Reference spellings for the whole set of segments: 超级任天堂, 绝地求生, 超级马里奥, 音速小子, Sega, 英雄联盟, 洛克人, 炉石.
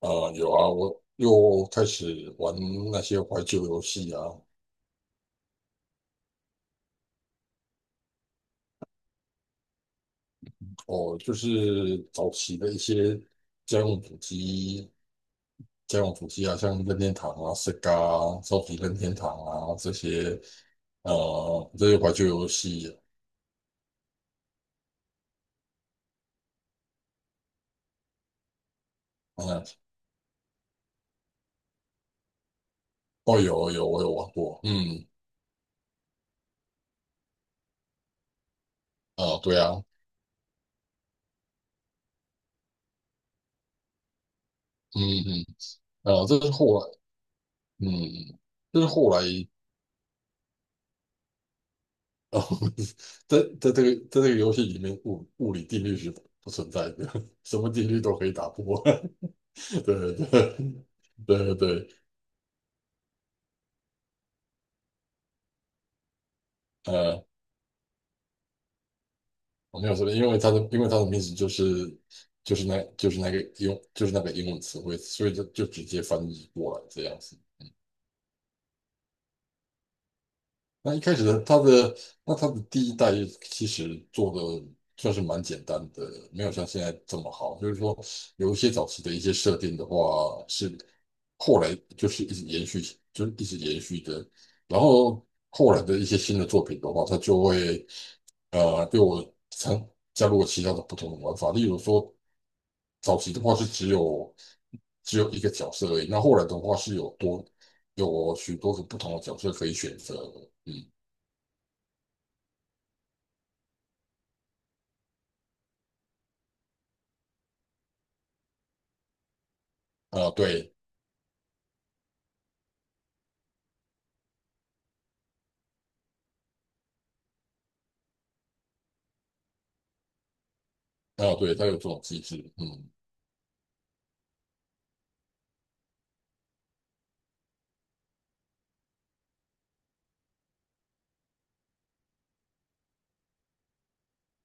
啊、有啊，我又开始玩那些怀旧游戏啊。哦，就是早期的一些家用主机，家用主机啊，像任天堂啊、Sega 啊、超级任天堂啊这些，这些怀旧游戏。嗯、哦，有我有玩过，嗯。啊、对啊。嗯嗯。啊，这是后来，嗯，这是后来哦。在这个游戏里面，物理定律是不存在的，什么定律都可以打破。对对对对。呃，我没有说的，因为它的名字就是就是那就是那个用就是那个英文词汇，所以就直接翻译过来这样子。那一开始他的，那他的第一代其实做的算是蛮简单的，没有像现在这么好。就是说，有一些早期的一些设定的话，是后来就是一直延续，就是一直延续的。然后后来的一些新的作品的话，它就会呃对我参加入了其他的不同的玩法。例如说，早期的话是只有一个角色而已，那后来的话是有许多种不同的角色可以选择。嗯。啊、对。啊，对，它有这种机制，嗯。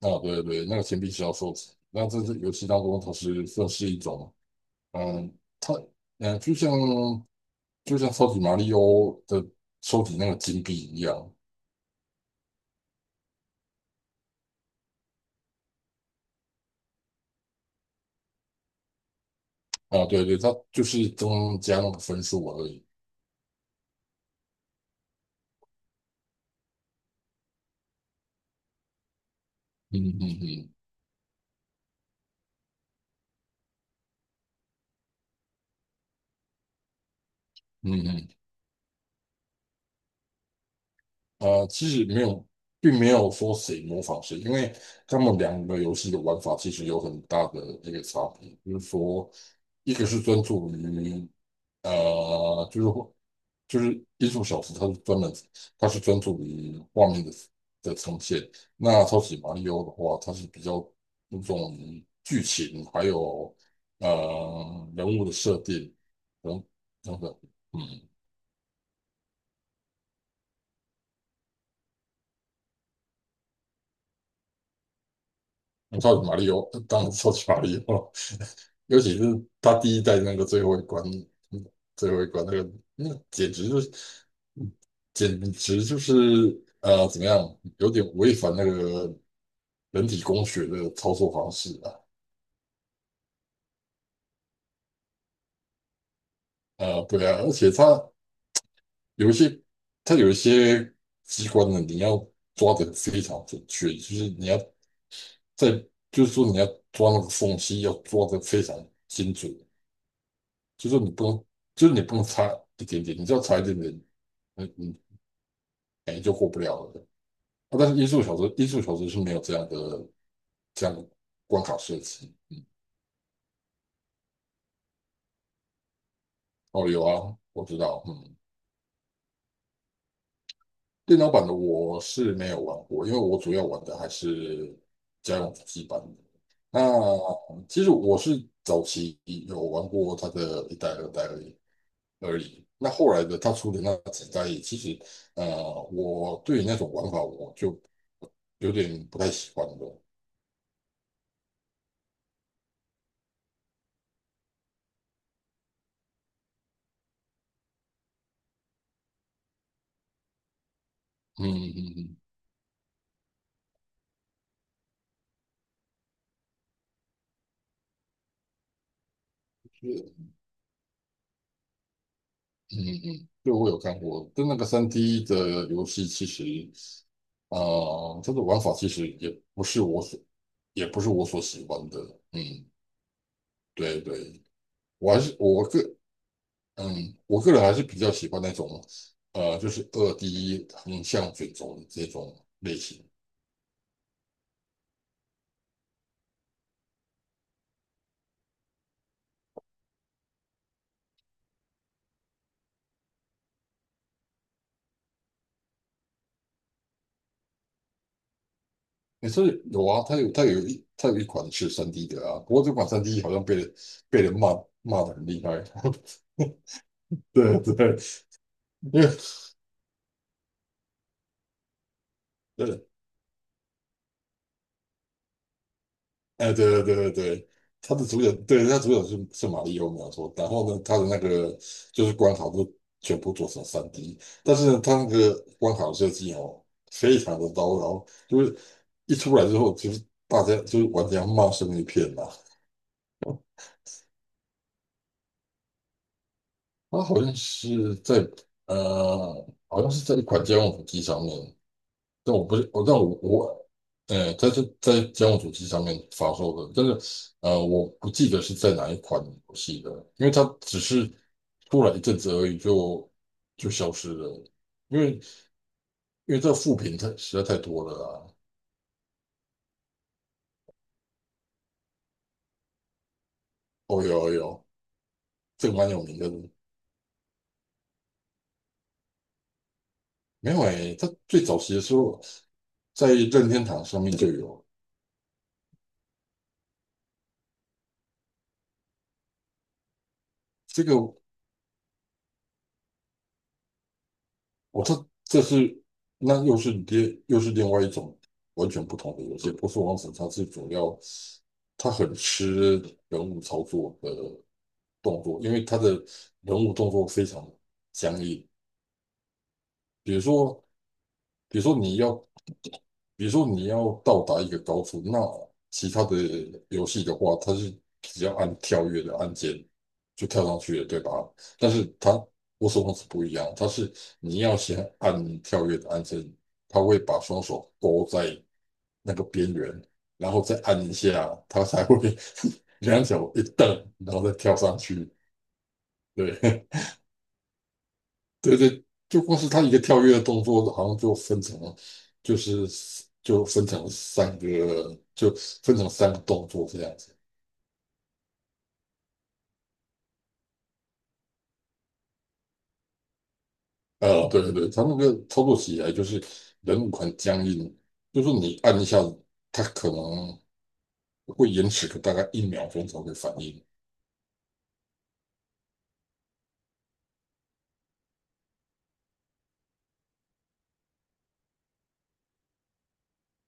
啊，对对，那个钱币是要收集。那这是游戏当中，它是算是一种，嗯，它，嗯，就像超级马里奥的收集那个金币一样。啊，对对，它就是增加那个分数而已。嗯嗯嗯嗯嗯。啊，其实没有，并没有说谁模仿谁，因为他们两个游戏的玩法其实有很大的一个差别。就是说，一个是专注于，就是就是艺术小说，它是专门它是专注于画面的的呈现。那超级马里奥的话，它是比较注重于剧情，还有呃人物的设定等等等。嗯。那超级马里奥当然是超级马里奥了。尤其是他第一代那个最后一关，嗯最后一关那个，那简直就是简直就是怎么样，有点违反那个人体工学的操作方式啊。啊，对啊，而且它有一些，它有一些机关呢，你要抓得非常准确，就是你要在，就是说你要抓那个缝隙，要抓得非常精准。就是你不能，就是你不能差一点点，你只要差一点点，那你，哎，就过不了了。啊，但是音速小子，音速小子是没有这样的关卡设计。哦，有啊，我知道，嗯。电脑版的我是没有玩过，因为我主要玩的还是家用主机版的。那其实我是早期有玩过它的一代、二代而已。那后来的它出的那几代，其实我对于那种玩法我就有点不太喜欢了。嗯嗯嗯。是嗯嗯，对我有看过，但那个三 d 的游戏其实，它的玩法其实也不是我所喜欢的。嗯，对对。我还是我个嗯，我个人还是比较喜欢那种，就是二 D 横向卷轴的这种类型。也是有啊，它有一款是三 d 的啊，不过这款三 d 好像被人骂，骂的很厉害。对对。因为呃哎，对对对对对，他的主角，对，他主角是玛丽奥，没有错。然后呢，他的那个就是关卡都全部做成三 d。 但是呢，他那个关卡设计哦，非常的刀，然后就是一出来之后，就是大家就是玩家骂声一片呐、他好像是在，呃，好像是在一款家用主机上面。这我不是我，但我我，呃，它是在家用主机上面发售的，但是我不记得是在哪一款游戏的，因为它只是出来一阵子而已就消失了，因为因为这个副品太实在太多了啊。哦，有哦有，这个蛮有名的。没有诶，它最早期的时候在任天堂上面就有。这个，我这这是那又是又是另外一种完全不同的游戏。不是王子，它是主要他很吃人物操作的动作，因为他的人物动作非常僵硬。比如说，比如说你要比如说你要到达一个高处，那其他的游戏的话，它是只要按跳跃的按键就跳上去了，对吧？但是它，我手王是不一样，它是你要先按跳跃的按键，它会把双手勾在那个边缘，然后再按一下，它才会 两脚一蹬，然后再跳上去。对，对对，就光是他一个跳跃的动作，好像就分成了，就是就分成三个，就分成三个动作这样子。对对对，他那个操作起来就是人物很僵硬，就是你按一下，他可能会延迟个大概一秒钟才会反应。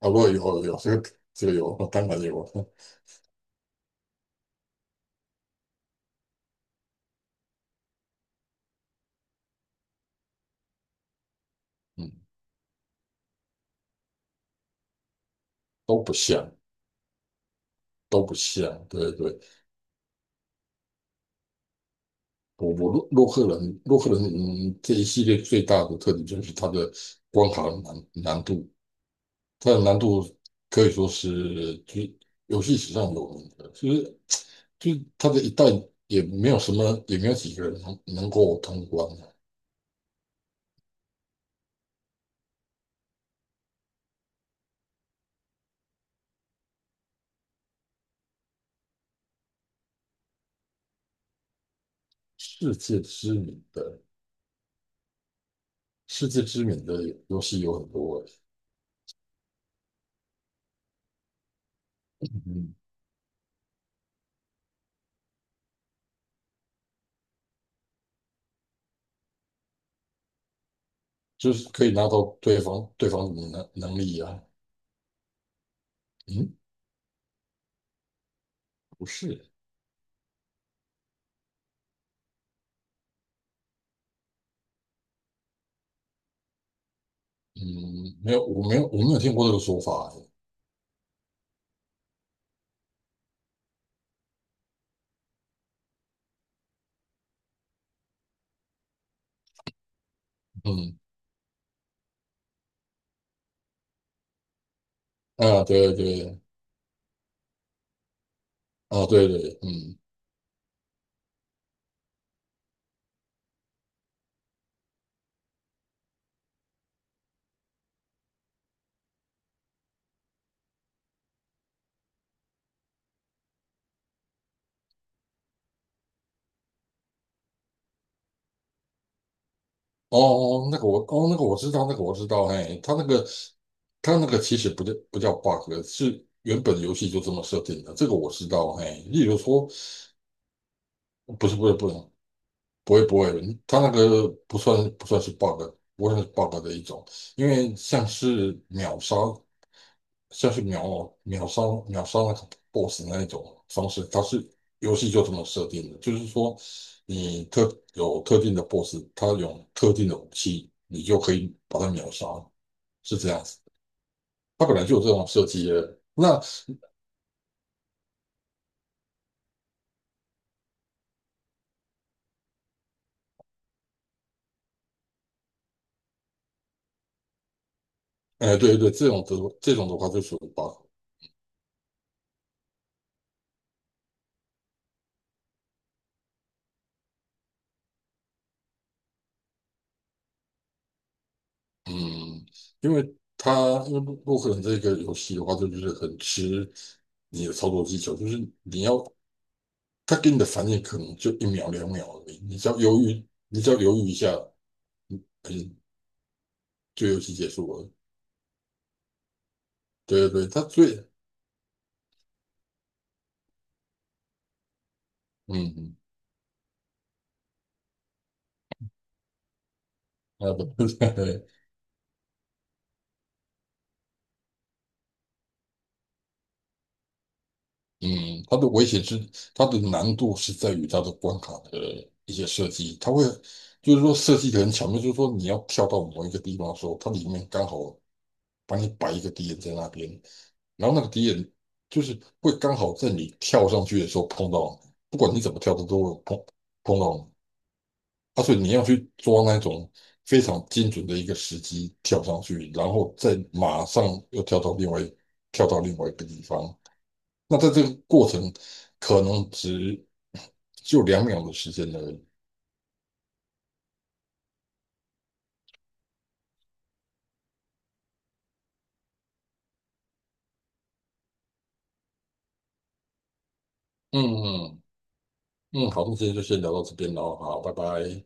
啊，不过有这个有，当然有，嗯，都不像，都不像，对对。我我洛洛克人洛克人嗯这一系列最大的特点就是它的关卡难度，它的难度可以说是就游戏史上有名的，就是它的一代也没有几个人能够通关的。世界知名的，世界知名的游戏有很多欸。嗯，就是可以拿到对方的能力啊。嗯，不是。嗯，没有我没有我没有听过这个说法欸。嗯。啊，对对对。啊，对对，嗯。哦哦，那个我，哦，那个我知道，那个我知道，嘿，他那个，他那个其实不叫 bug,是原本游戏就这么设定的，这个我知道，嘿，例如说，不是，不会，他那个不算是 bug,不算是 bug 的一种。因为像是秒秒杀秒杀那个 BOSS 那一种方式，它是游戏就这么设定的，就是说你特有特定的 BOSS,它有特定的武器，你就可以把它秒杀，是这样子。它本来就有这种设计的。那，哎、对对对，这种的话就属于 bug。嗯，因为因为洛克人这个游戏的话，就是很吃你的操作技巧，就是你要，他给你的反应可能就一秒两秒而已，你只要犹豫一下，嗯，就游戏结束了。对对对，他最，嗯，啊不，嗯，他的危险是，它的难度是在于它的关卡的一些设计，它会，就是说设计的很巧妙，就是说你要跳到某一个地方的时候，它里面刚好把你摆一个敌人在那边，然后那个敌人就是会刚好在你跳上去的时候碰到你，不管你怎么跳，它都会碰到你。啊，所以你要去抓那种非常精准的一个时机跳上去，然后再马上又跳到另外跳到另外一个地方。那在这个过程，可能只就两秒的时间而已。嗯嗯。嗯，好，那今天就先聊到这边喽，好，拜拜。